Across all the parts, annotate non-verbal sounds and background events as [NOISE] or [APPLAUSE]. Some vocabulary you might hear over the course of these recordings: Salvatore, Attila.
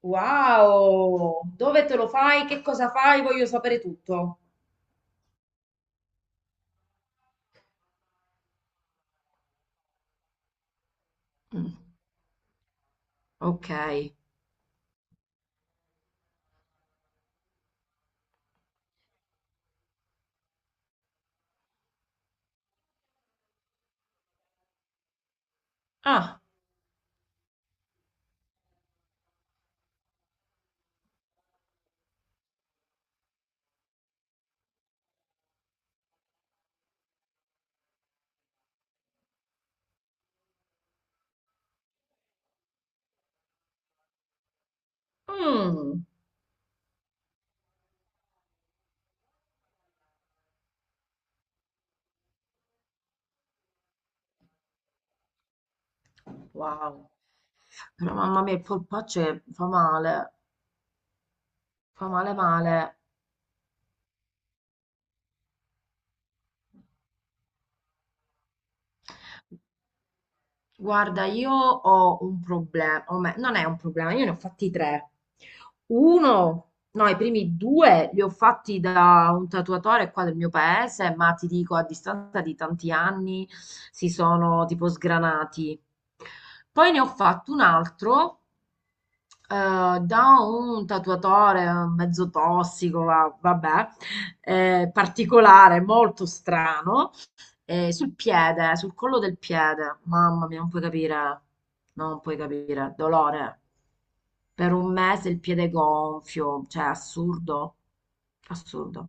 Wow! Dove te lo fai? Che cosa fai? Voglio sapere tutto. Mm, ok. Ah, mm, wow. Però mamma mia, il polpaccio che fa male male. Guarda, io ho un problema, non è un problema, io ne ho fatti tre. Uno, no, i primi due li ho fatti da un tatuatore qua del mio paese, ma ti dico, a distanza di tanti anni si sono tipo sgranati. Poi ne ho fatto un altro da un tatuatore mezzo tossico, vabbè, particolare, molto strano. Sul piede, sul collo del piede. Mamma mia, non puoi capire. No, non puoi capire. Dolore. Per un mese il piede gonfio. Cioè, assurdo. Assurdo.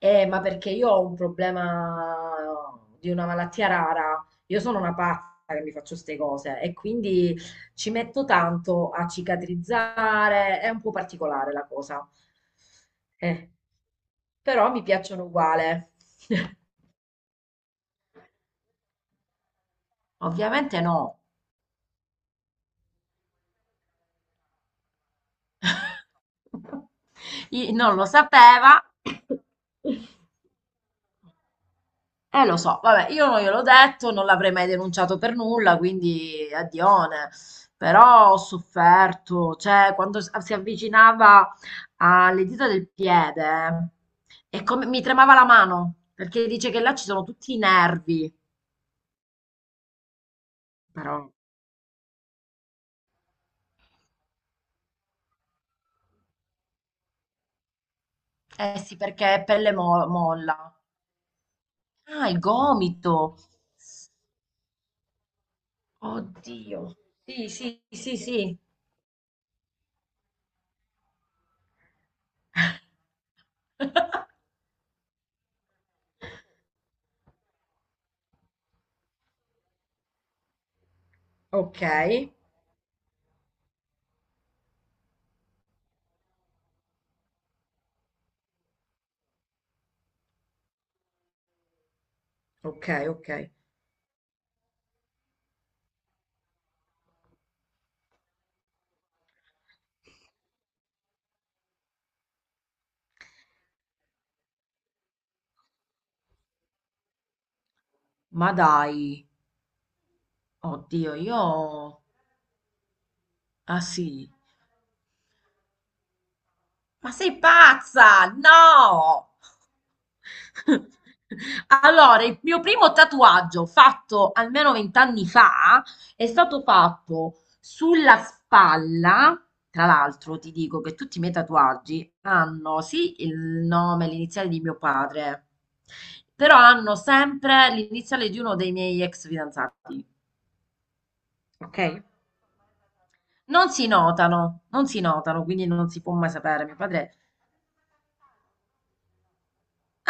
Ma perché io ho un problema di una malattia rara. Io sono una pazza che mi faccio queste cose e quindi ci metto tanto a cicatrizzare. È un po' particolare la cosa. Eh, Però mi piacciono uguale. [LAUGHS] Ovviamente no. Non lo sapeva. Lo so, vabbè, io non gliel'ho detto, non l'avrei mai denunciato per nulla, quindi addione. Però ho sofferto, cioè quando si avvicinava alle dita del piede, e come mi tremava la mano, perché dice che là ci sono tutti i nervi, però. Eh sì, perché è pelle molla. Ah, il gomito. Oddio. Sì, sì, sì, sì. Ok, ok, ok. Ma dai, oddio, io... Ah sì. Ma sei pazza? No! Allora, il mio primo tatuaggio fatto almeno 20 anni fa è stato fatto sulla spalla. Tra l'altro, ti dico che tutti i miei tatuaggi hanno sì il nome, l'iniziale di mio padre, però hanno sempre l'iniziale di uno dei miei ex fidanzati. Ok? Non si notano, non si notano, quindi non si può mai sapere. Mio padre.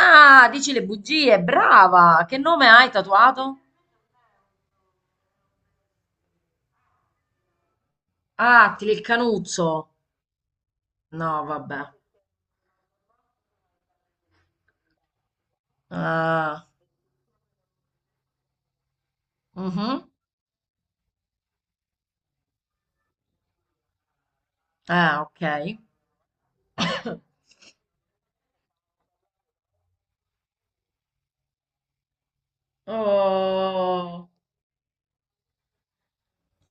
Ah, dici le bugie, brava! Che nome hai tatuato? Ah, ti il canuzzo! No, vabbè. Ah, mhm. Ah, ok. [COUGHS] Oh,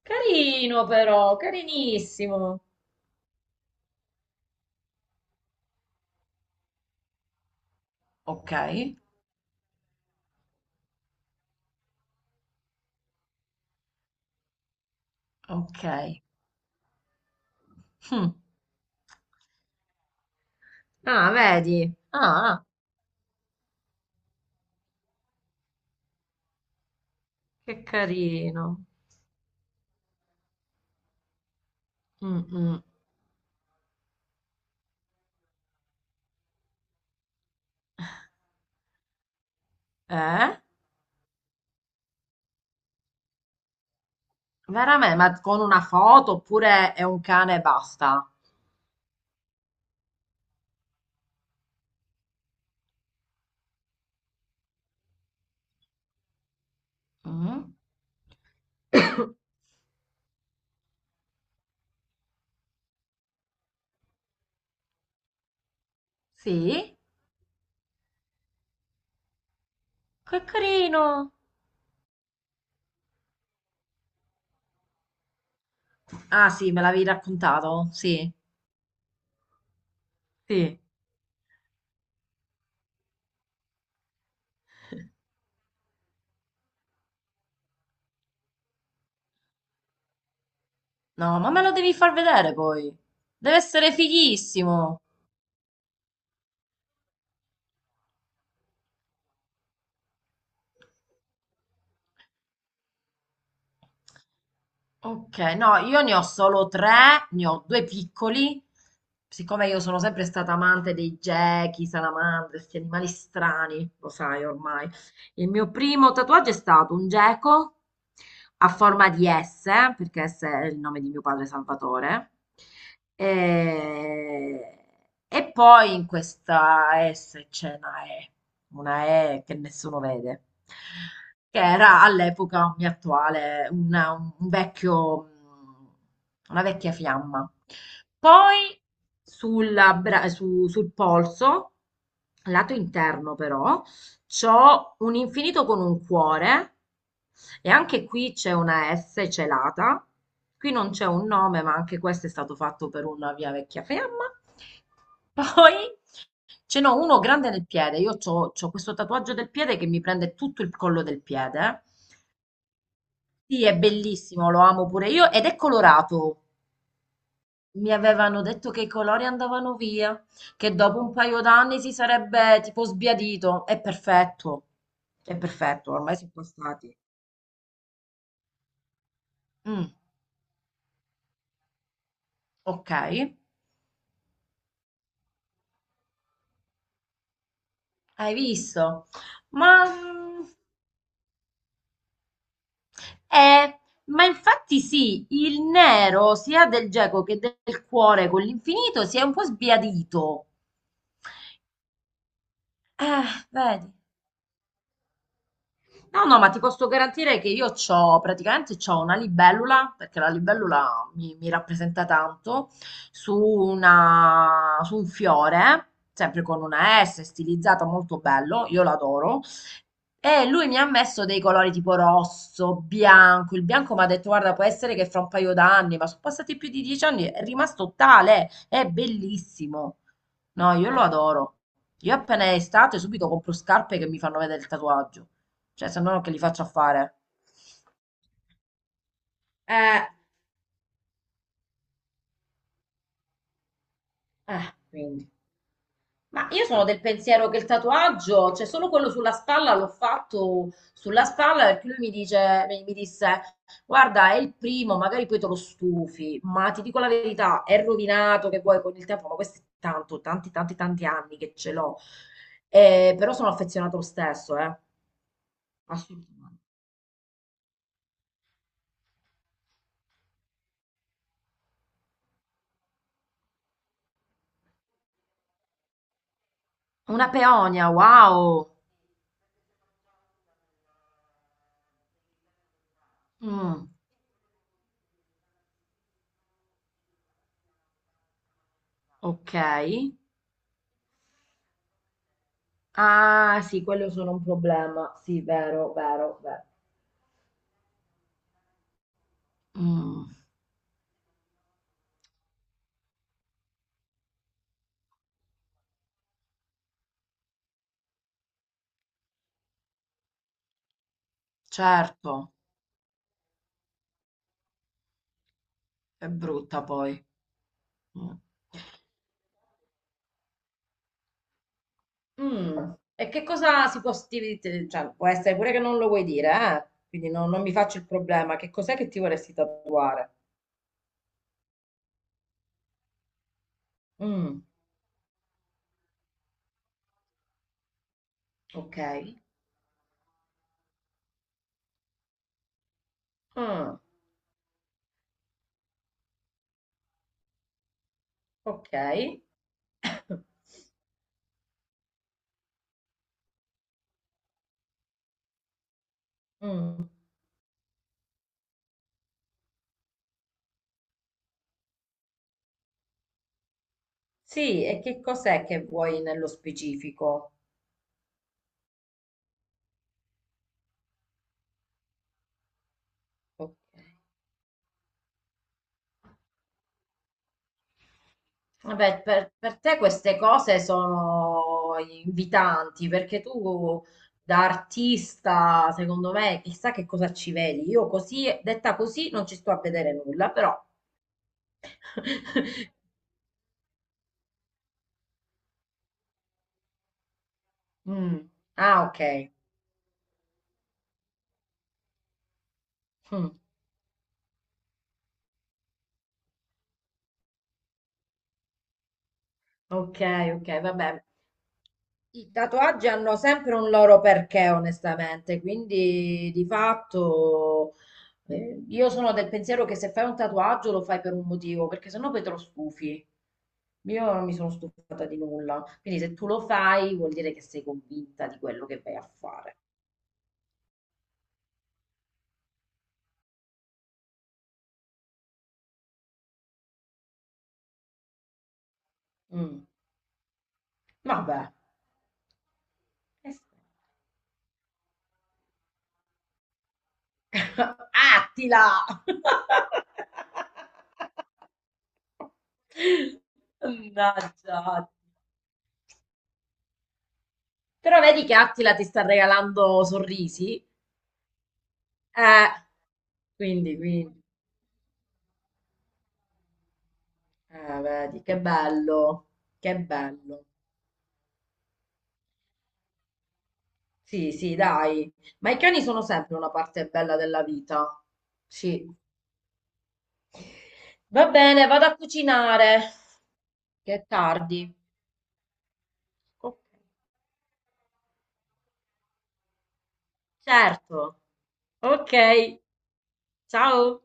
carino però, carinissimo. Ok, ok. Hm. Ah, vedi? Ah, che carino. Mm, mm. Eh? Veramente? Ma con una foto oppure è un cane e basta? Mm? [COUGHS] Sì? Che carino. Ah sì, me l'avevi raccontato? Sì. Sì. No, ma me lo devi far vedere poi. Deve essere fighissimo. Ok, no, io ne ho solo tre, ne ho due piccoli. Siccome io sono sempre stata amante dei gechi, salamandre, questi animali strani, lo sai ormai. Il mio primo tatuaggio è stato un geco a forma di S, perché S è il nome di mio padre Salvatore. E, e poi in questa S c'è una E che nessuno vede, che era all'epoca un mio attuale, un vecchio, una vecchia fiamma. Poi sul polso, lato interno però, c'ho un infinito con un cuore e anche qui c'è una S celata. Qui non c'è un nome, ma anche questo è stato fatto per una mia vecchia fiamma. Poi ce n'ho uno grande nel piede. Io c'ho questo tatuaggio del piede che mi prende tutto il collo del piede. Sì, è bellissimo, lo amo pure io ed è colorato. Mi avevano detto che i colori andavano via, che dopo un paio d'anni si sarebbe tipo sbiadito. È perfetto, ormai sono passati. Mm, ok, hai visto? Ma, mm, eh, ma infatti sì, il nero sia del geco che del cuore con l'infinito si è un po' sbiadito. Eh, Vedi. No, no, ma ti posso garantire che io c'ho, praticamente c'ho una libellula, perché la libellula mi rappresenta tanto, su un fiore, sempre con una S, stilizzata, molto bello, io l'adoro, e lui mi ha messo dei colori tipo rosso, bianco, il bianco mi ha detto, guarda, può essere che fra un paio d'anni, ma sono passati più di 10 anni, è rimasto tale, è bellissimo. No, io lo adoro. Io appena è estate subito compro scarpe che mi fanno vedere il tatuaggio. Cioè, se no che li faccio a fare? Eh, quindi. Ma io sono del pensiero che il tatuaggio, cioè solo quello sulla spalla, l'ho fatto sulla spalla perché lui mi dice, mi disse, guarda, è il primo, magari poi te lo stufi, ma ti dico la verità, è rovinato che vuoi con il tempo, ma questo è tanto, tanti, tanti, tanti anni che ce l'ho. Però sono affezionato lo stesso, assolutamente. Una peonia, wow! Mm, ok. Ah, sì, quello sono un problema. Sì, vero, vero, vero. Mm, certo, è brutta poi. Mm. E che cosa si può cioè, può essere pure che non lo vuoi dire, eh? Quindi non mi faccio il problema. Che cos'è che ti vorresti tatuare? Mm, ok. Mm, ok. [COUGHS] Mm, sì, e che cos'è che vuoi nello specifico? Ok. Vabbè, per te queste cose sono invitanti perché tu da artista, secondo me, chissà che cosa ci vedi. Io così, detta così, non ci sto a vedere nulla, però. [LAUGHS] Mm. Ah, ok. Mm. Ok, ok, vabbè. I tatuaggi hanno sempre un loro perché, onestamente, quindi di fatto io sono del pensiero che se fai un tatuaggio lo fai per un motivo, perché sennò poi te lo stufi. Io non mi sono stufata di nulla, quindi se tu lo fai vuol dire che sei convinta di quello che vai a fare. Mm. Vabbè. Eh sì. [LAUGHS] Attila! [LAUGHS] Mannaggia. Attila. Però vedi che Attila ti sta regalando sorrisi? Eh, quindi. Vedi, che bello, che bello. Sì, sì, dai. Ma i cani sono sempre una parte bella della vita. Sì. Va bene, vado a cucinare, che è tardi. Ok. Certo. Ok, ciao.